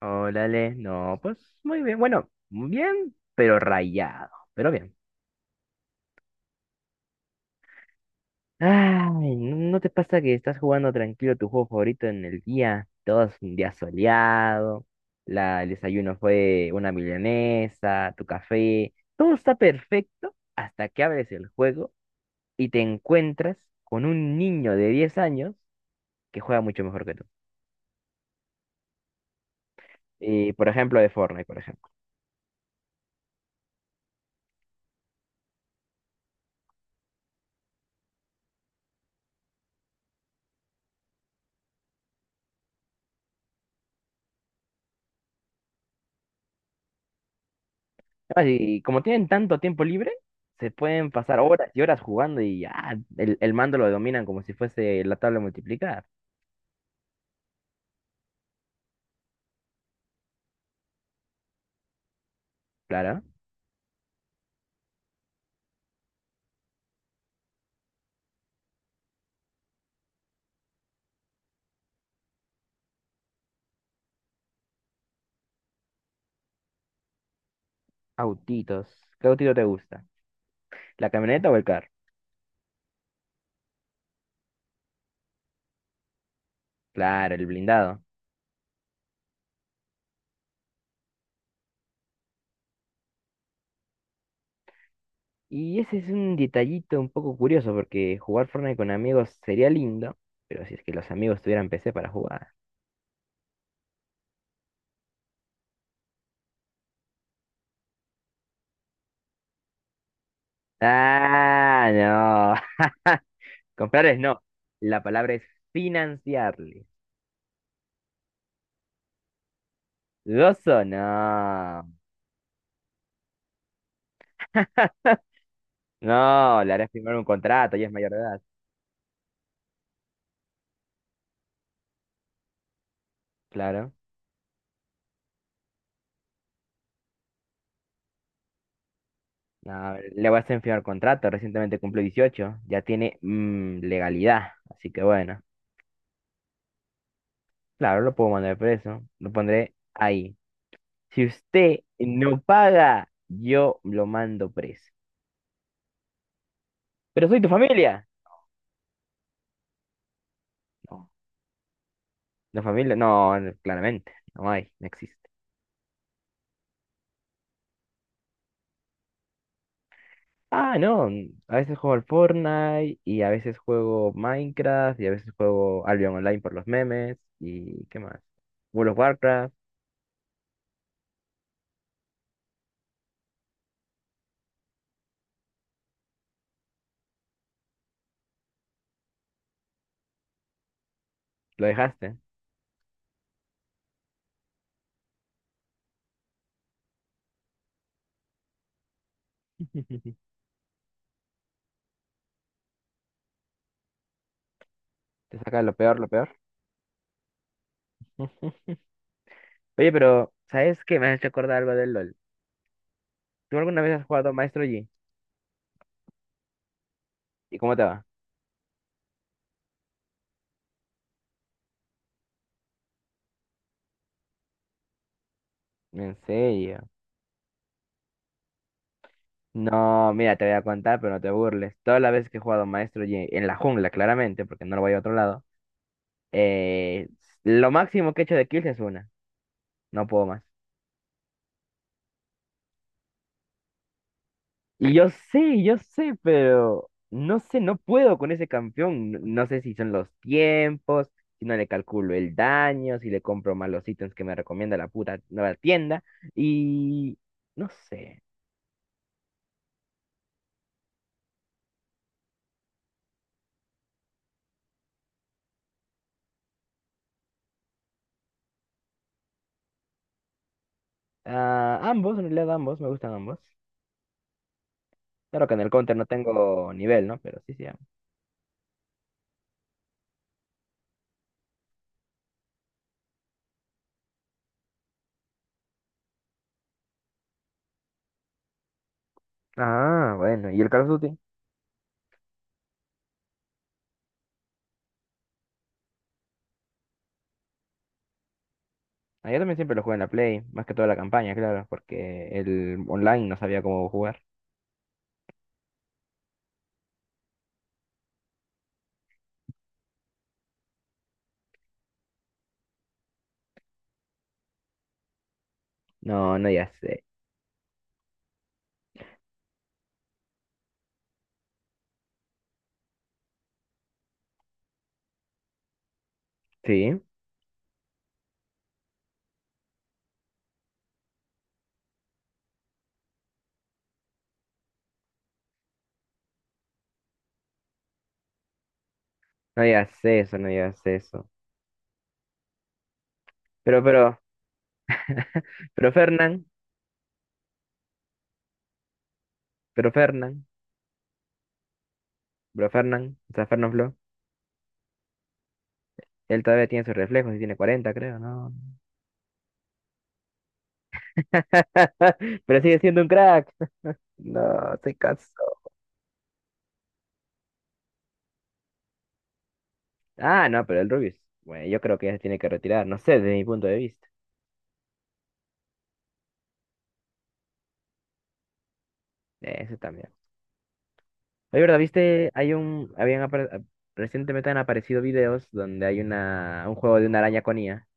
Órale, no, pues muy bien. Bueno, bien, pero rayado, pero bien. Ay, ¿no te pasa que estás jugando tranquilo tu juego favorito en el día? Todo es un día soleado, el desayuno fue una milanesa, tu café, todo está perfecto hasta que abres el juego y te encuentras con un niño de 10 años que juega mucho mejor que tú. Y, por ejemplo, de Fortnite, por ejemplo. Ah, y como tienen tanto tiempo libre, se pueden pasar horas y horas jugando y ya el mando lo dominan como si fuese la tabla de multiplicar. Claro. Autitos. ¿Qué autito te gusta? ¿La camioneta o el carro? Claro, el blindado. Y ese es un detallito un poco curioso porque jugar Fortnite con amigos sería lindo, pero si es que los amigos tuvieran PC para jugar. Ah, no. Comprarles no. La palabra es financiarles. Gozo, no. No, le harás firmar un contrato, ya es mayor de edad. Claro. No, le vas a firmar contrato, recientemente cumplió 18, ya tiene legalidad. Así que bueno, claro, lo puedo mandar preso, lo pondré ahí. Si usted no paga, yo lo mando preso. Pero soy tu familia. No, no familia, no, no, claramente, no hay, no existe. Ah, no, a veces juego al Fortnite y a veces juego Minecraft y a veces juego Albion Online por los memes y ¿qué más? World of Warcraft. Lo dejaste. Te saca lo peor, lo peor. Oye, pero ¿sabes qué? Me has hecho acordar algo del LOL. ¿Tú alguna vez has jugado Maestro Yi? ¿Y cómo te va? ¿En serio? No, mira, te voy a contar, pero no te burles. Todas las veces que he jugado Maestro Yi, en la jungla, claramente, porque no lo voy a otro lado, eh, lo máximo que he hecho de kills es una. No puedo más. Y yo sé, pero no sé, no puedo con ese campeón. No sé si son los tiempos, si no le calculo el daño, si le compro mal los ítems que me recomienda la puta nueva tienda. Y no sé. Ah, ambos, en realidad ambos, me gustan ambos. Claro que en el counter no tengo nivel, ¿no? Pero sí, sí, ambos. Ah, bueno. ¿Y el Call of Duty? Ah, yo también siempre lo juego en la Play, más que toda la campaña, claro, porque el online no sabía cómo jugar. No, no ya sé. Sí, no digas eso, no digas eso. Pero, pero, pero Fernán, pero Fernán, pero Fernán, o sea, Fernán Flo, él todavía tiene sus reflejos y tiene 40, creo, ¿no? Pero sigue siendo un crack. No, se cansó. Ah, no, pero el Rubius, bueno, yo creo que ya se tiene que retirar, no sé, desde mi punto de vista. Eso también. Oye, ¿verdad? ¿Viste? Hay un, habían, apare- a- Recientemente han aparecido videos donde hay un juego de una araña con IA.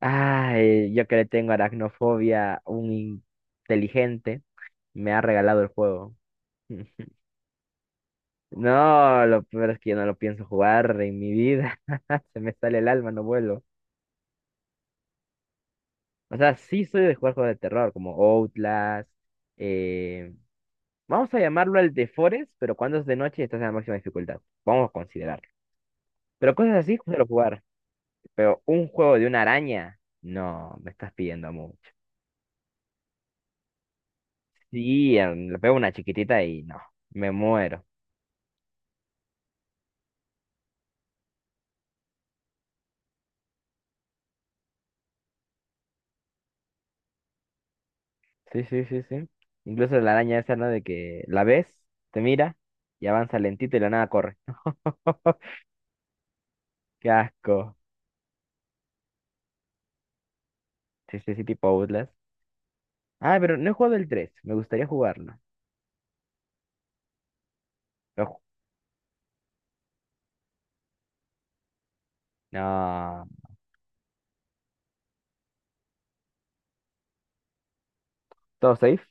Ay, yo que le tengo aracnofobia, un inteligente me ha regalado el juego. No, lo peor es que yo no lo pienso jugar en mi vida. Se me sale el alma, no vuelo. O sea, sí soy de jugar juegos de terror, como Outlast. eh, vamos a llamarlo el de Forest, pero cuando es de noche y estás en la máxima dificultad. Vamos a considerarlo. Pero cosas así, suelo jugar. Pero un juego de una araña, no, me estás pidiendo mucho. Sí, le pego una chiquitita y no, me muero. Sí, sí, sí, sí. Incluso la araña esa, ¿no? De que la ves, te mira y avanza lentito y la nada corre. Qué asco. Sí, sí, sí, tipo Outlast. Ah, pero no he jugado el tres. Me gustaría jugarlo. Ojo. No. Todo safe.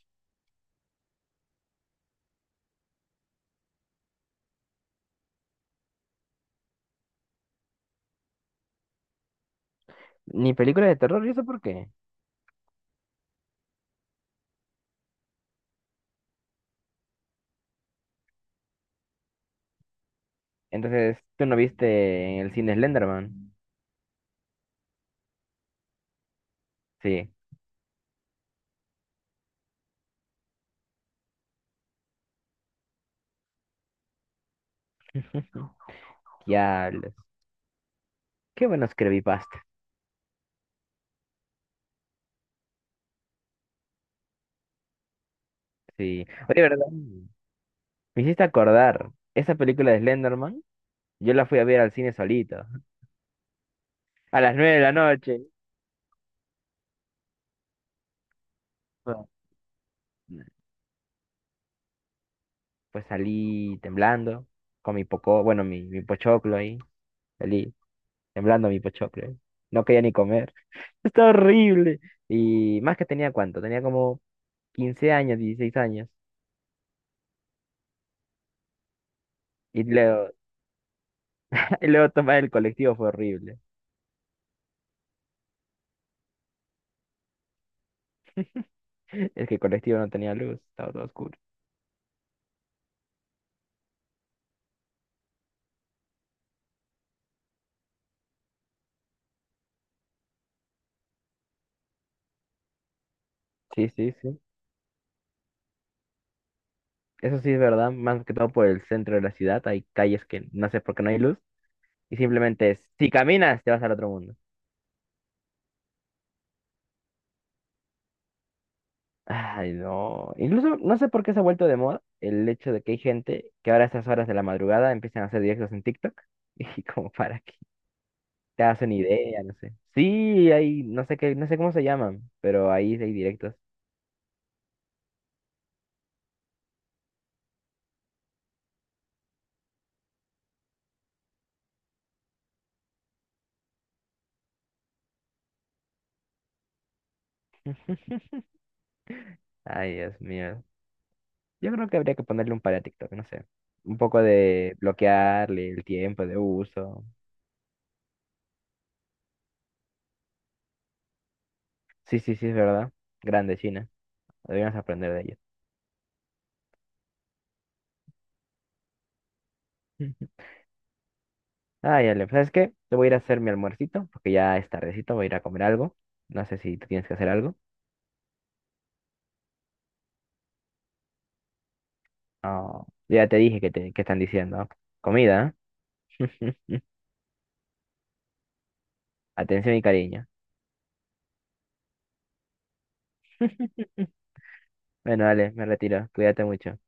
Ni película de terror, ¿y eso por qué? Entonces, ¿tú no viste en el cine Slenderman? Sí. Diablos. Qué buenos creepypastas. Sí. Oye, ¿verdad? Me hiciste acordar. Esa película de Slenderman, yo la fui a ver al cine solito. A las 9 de la noche. Bueno, pues salí temblando. Con mi poco, bueno, mi pochoclo ahí. Salí, temblando mi pochoclo. ¿Eh? No quería ni comer. Está horrible. Y más que tenía cuánto, tenía como 15 años, 16 años. Y luego, y luego tomar el colectivo fue horrible. Es que el colectivo no tenía luz, estaba todo oscuro. Sí, sí, sí. Eso sí es verdad, más que todo por el centro de la ciudad. Hay calles que no sé por qué no hay luz. Y simplemente, es, si caminas, te vas al otro mundo. Ay, no. Incluso no sé por qué se ha vuelto de moda el hecho de que hay gente que ahora a estas horas de la madrugada empiezan a hacer directos en TikTok. Y como, ¿para qué? Te hacen idea, no sé. Sí, hay, no sé qué, no sé cómo se llaman, pero ahí hay directos. Ay, Dios mío. Yo creo que habría que ponerle un par a TikTok, no sé. Un poco de bloquearle el tiempo de uso. Sí, sí, sí, es verdad. Grande China. Deberíamos aprender de ellos. Ay, Ale, ¿sabes qué? Te voy a ir a hacer mi almuercito, porque ya es tardecito, voy a ir a comer algo. No sé si tú tienes que hacer algo. Oh, ya te dije que están diciendo. Comida, ¿eh? Atención y cariño. Bueno, dale, me retiro. Cuídate mucho.